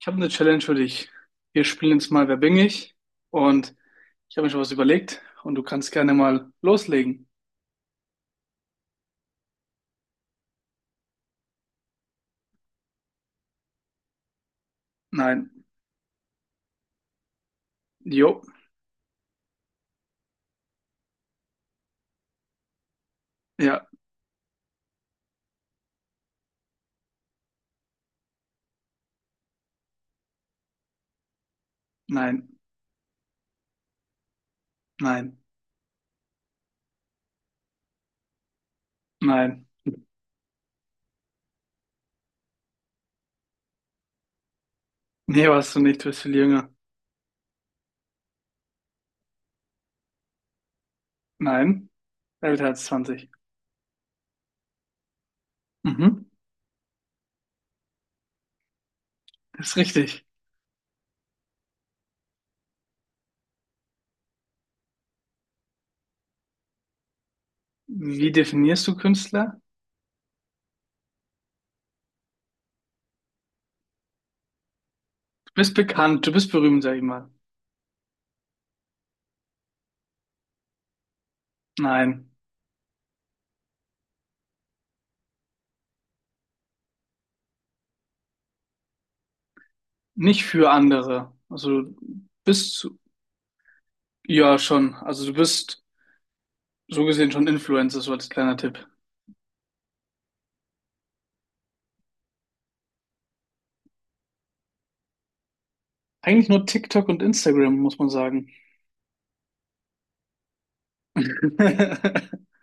Ich habe eine Challenge für dich. Wir spielen jetzt mal "Wer bin ich?" Und ich habe mir schon was überlegt und du kannst gerne mal loslegen. Nein. Jo. Ja. Nein. Nein. Nein. Nee, warst du nicht. Du bist viel jünger. Nein. Älter als 20. Mhm. Das ist richtig. Wie definierst du Künstler? Du bist bekannt. Du bist berühmt, sag ich mal. Nein. Nicht für andere. Also, du bist, ja, schon. Also, du bist so gesehen schon Influencer, so als kleiner Tipp. Eigentlich nur TikTok und Instagram, muss man sagen.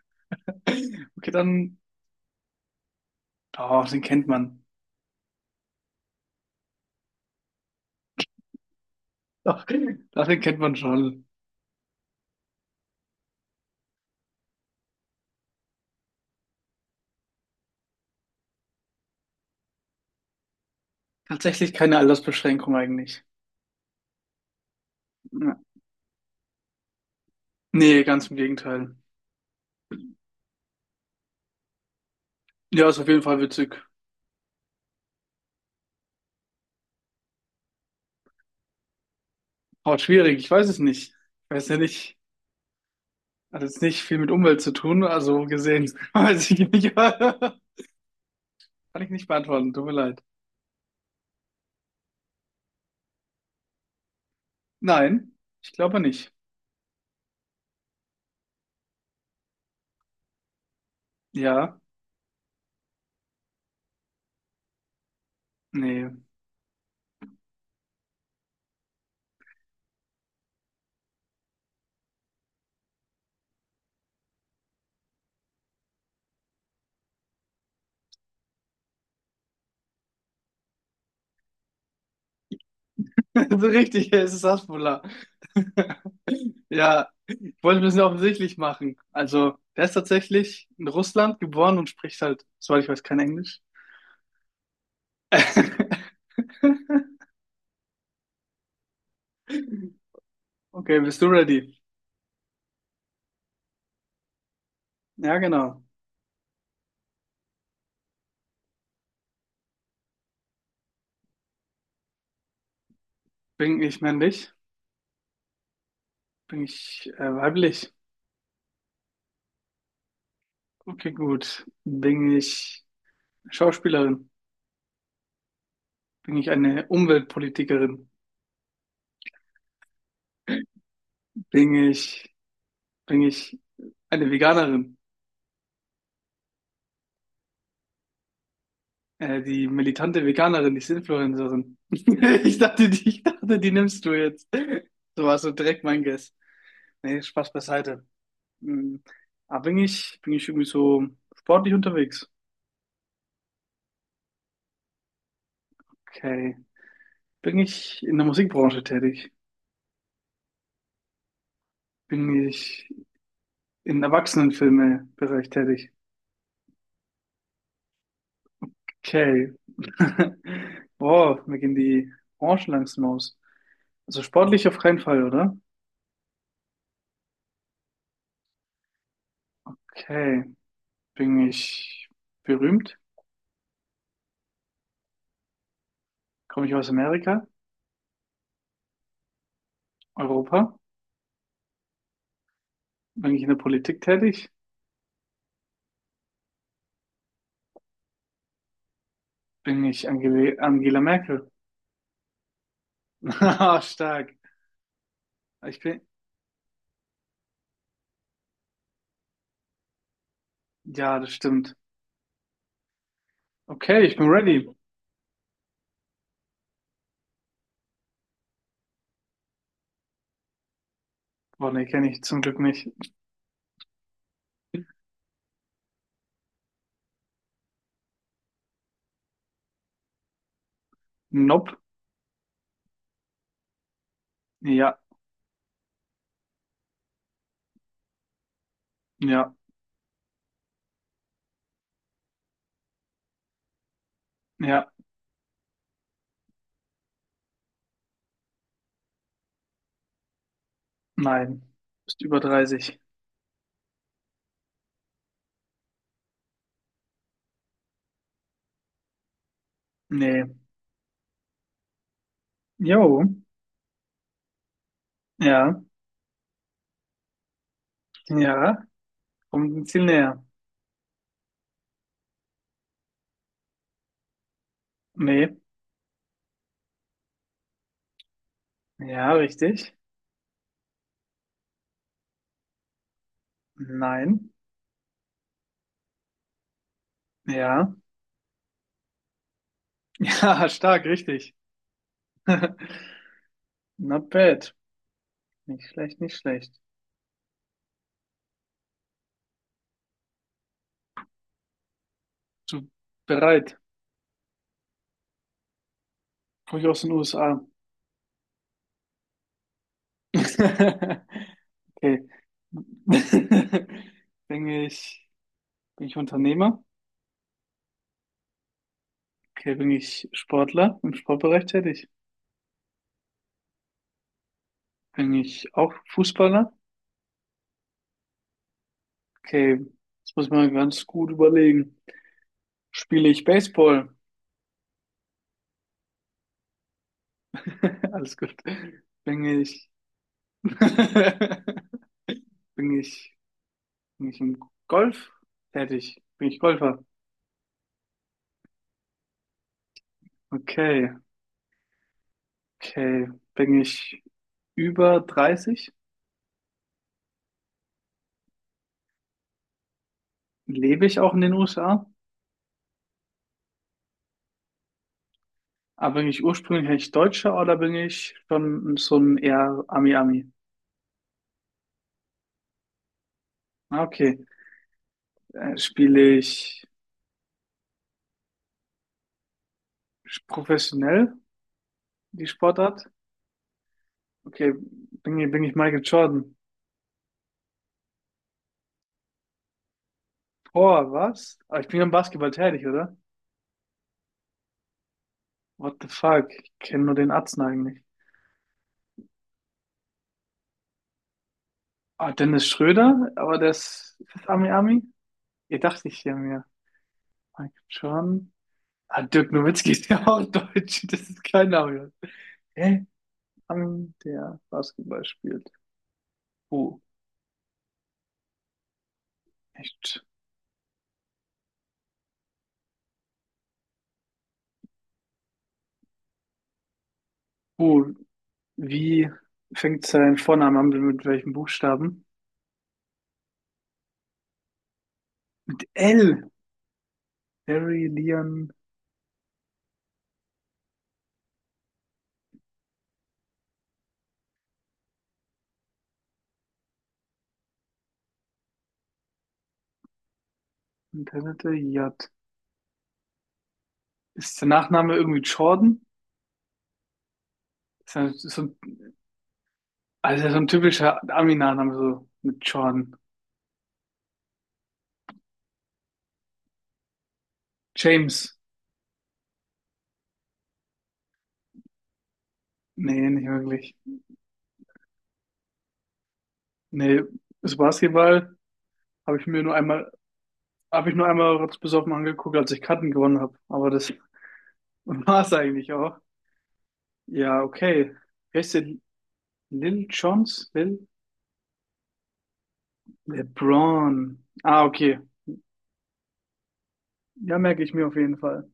Okay, dann. Oh, den kennt man. Doch, doch, den kennt man schon. Tatsächlich keine Altersbeschränkung eigentlich. Ja. Nee, ganz im Gegenteil. Ja, ist auf jeden Fall witzig. Oh, schwierig, ich weiß es nicht. Ich weiß ja nicht. Hat jetzt nicht viel mit Umwelt zu tun, also gesehen, weiß ich nicht. Kann ich nicht beantworten, tut mir leid. Nein, ich glaube nicht. Ja, nee. So richtig, es ist Hasbulla. Ja, ich wollte ein bisschen offensichtlich machen. Also, der ist tatsächlich in Russland geboren und spricht halt, soweit ich weiß, kein Englisch. Okay, bist du ready? Ja, genau. Bin ich männlich? Bin ich weiblich? Okay, gut. Bin ich Schauspielerin? Bin ich eine Umweltpolitikerin? Bin ich, bin ich eine Veganerin? Die militante Veganerin, die Influencerin. Ich dachte, die nimmst du jetzt. So war so direkt mein Guess. Nee, Spaß beiseite. Hm. Aber bin ich irgendwie so sportlich unterwegs? Okay. Bin ich in der Musikbranche tätig? Bin ich im Erwachsenenfilme-Bereich tätig? Okay. Boah, mir gehen die Branchen langsam aus. Also sportlich auf keinen Fall, oder? Okay. Bin ich berühmt? Komme ich aus Amerika? Europa? Bin ich in der Politik tätig? Bin ich Angele Angela Merkel? Ah, stark. Ich bin, ja, das stimmt. Okay, ich bin ready. Boah, nee, kenne ich zum Glück nicht. Nope. Ja, ja, ja, nein. Bist über 30. Nee. Jo. Ja, ja. Kommt ein Ziel näher. Nee. Ja, richtig. Nein. Ja. Ja, stark, richtig. Not bad. Nicht schlecht, nicht schlecht. Du bereit? Komm ich aus den USA. Okay. Bin ich, bin ich Unternehmer? Okay, bin ich Sportler im Sportbereich tätig? Eigentlich auch Fußballer? Okay, das muss man ganz gut überlegen. Spiele ich Baseball? Alles gut. Bin ich, bin ich, bin ich im Golf tätig? Bin ich Golfer? Okay, okay. Bin ich über 30? Lebe ich auch in den USA? Aber bin ich ursprünglich eigentlich Deutscher oder bin ich schon so ein eher Ami-Ami? Ah, okay. Spiele ich professionell die Sportart? Okay, bin ich Michael Jordan? Boah, was? Aber ich bin am Basketball tätig, oder? What the fuck? Ich kenne nur den Atzen eigentlich. Ah, Dennis Schröder? Aber das, ist das Ami Ami? Ihr dachte ich ja mir. Michael Jordan? Ah, Dirk Nowitzki ist ja auch Deutsch. Das ist kein Name. Hä? Ami, der Basketball spielt. Oh, echt. Oh, wie fängt sein Vorname an? Mit welchem Buchstaben? Mit L. Harry, Leon, Internet, J. Ist der Nachname irgendwie Jordan? Ist ja so ein, also ja so ein typischer Ami-Nachname, so mit Jordan. James? Nee, nicht wirklich. Nee, das Basketball habe ich mir nur einmal, habe ich nur einmal kurz besoffen angeguckt, als ich Karten gewonnen habe. Aber das war es eigentlich auch. Ja, okay. Wie heißt der? Lil Jones? Lil? LeBron. Ah, okay. Ja, merke ich mir auf jeden Fall.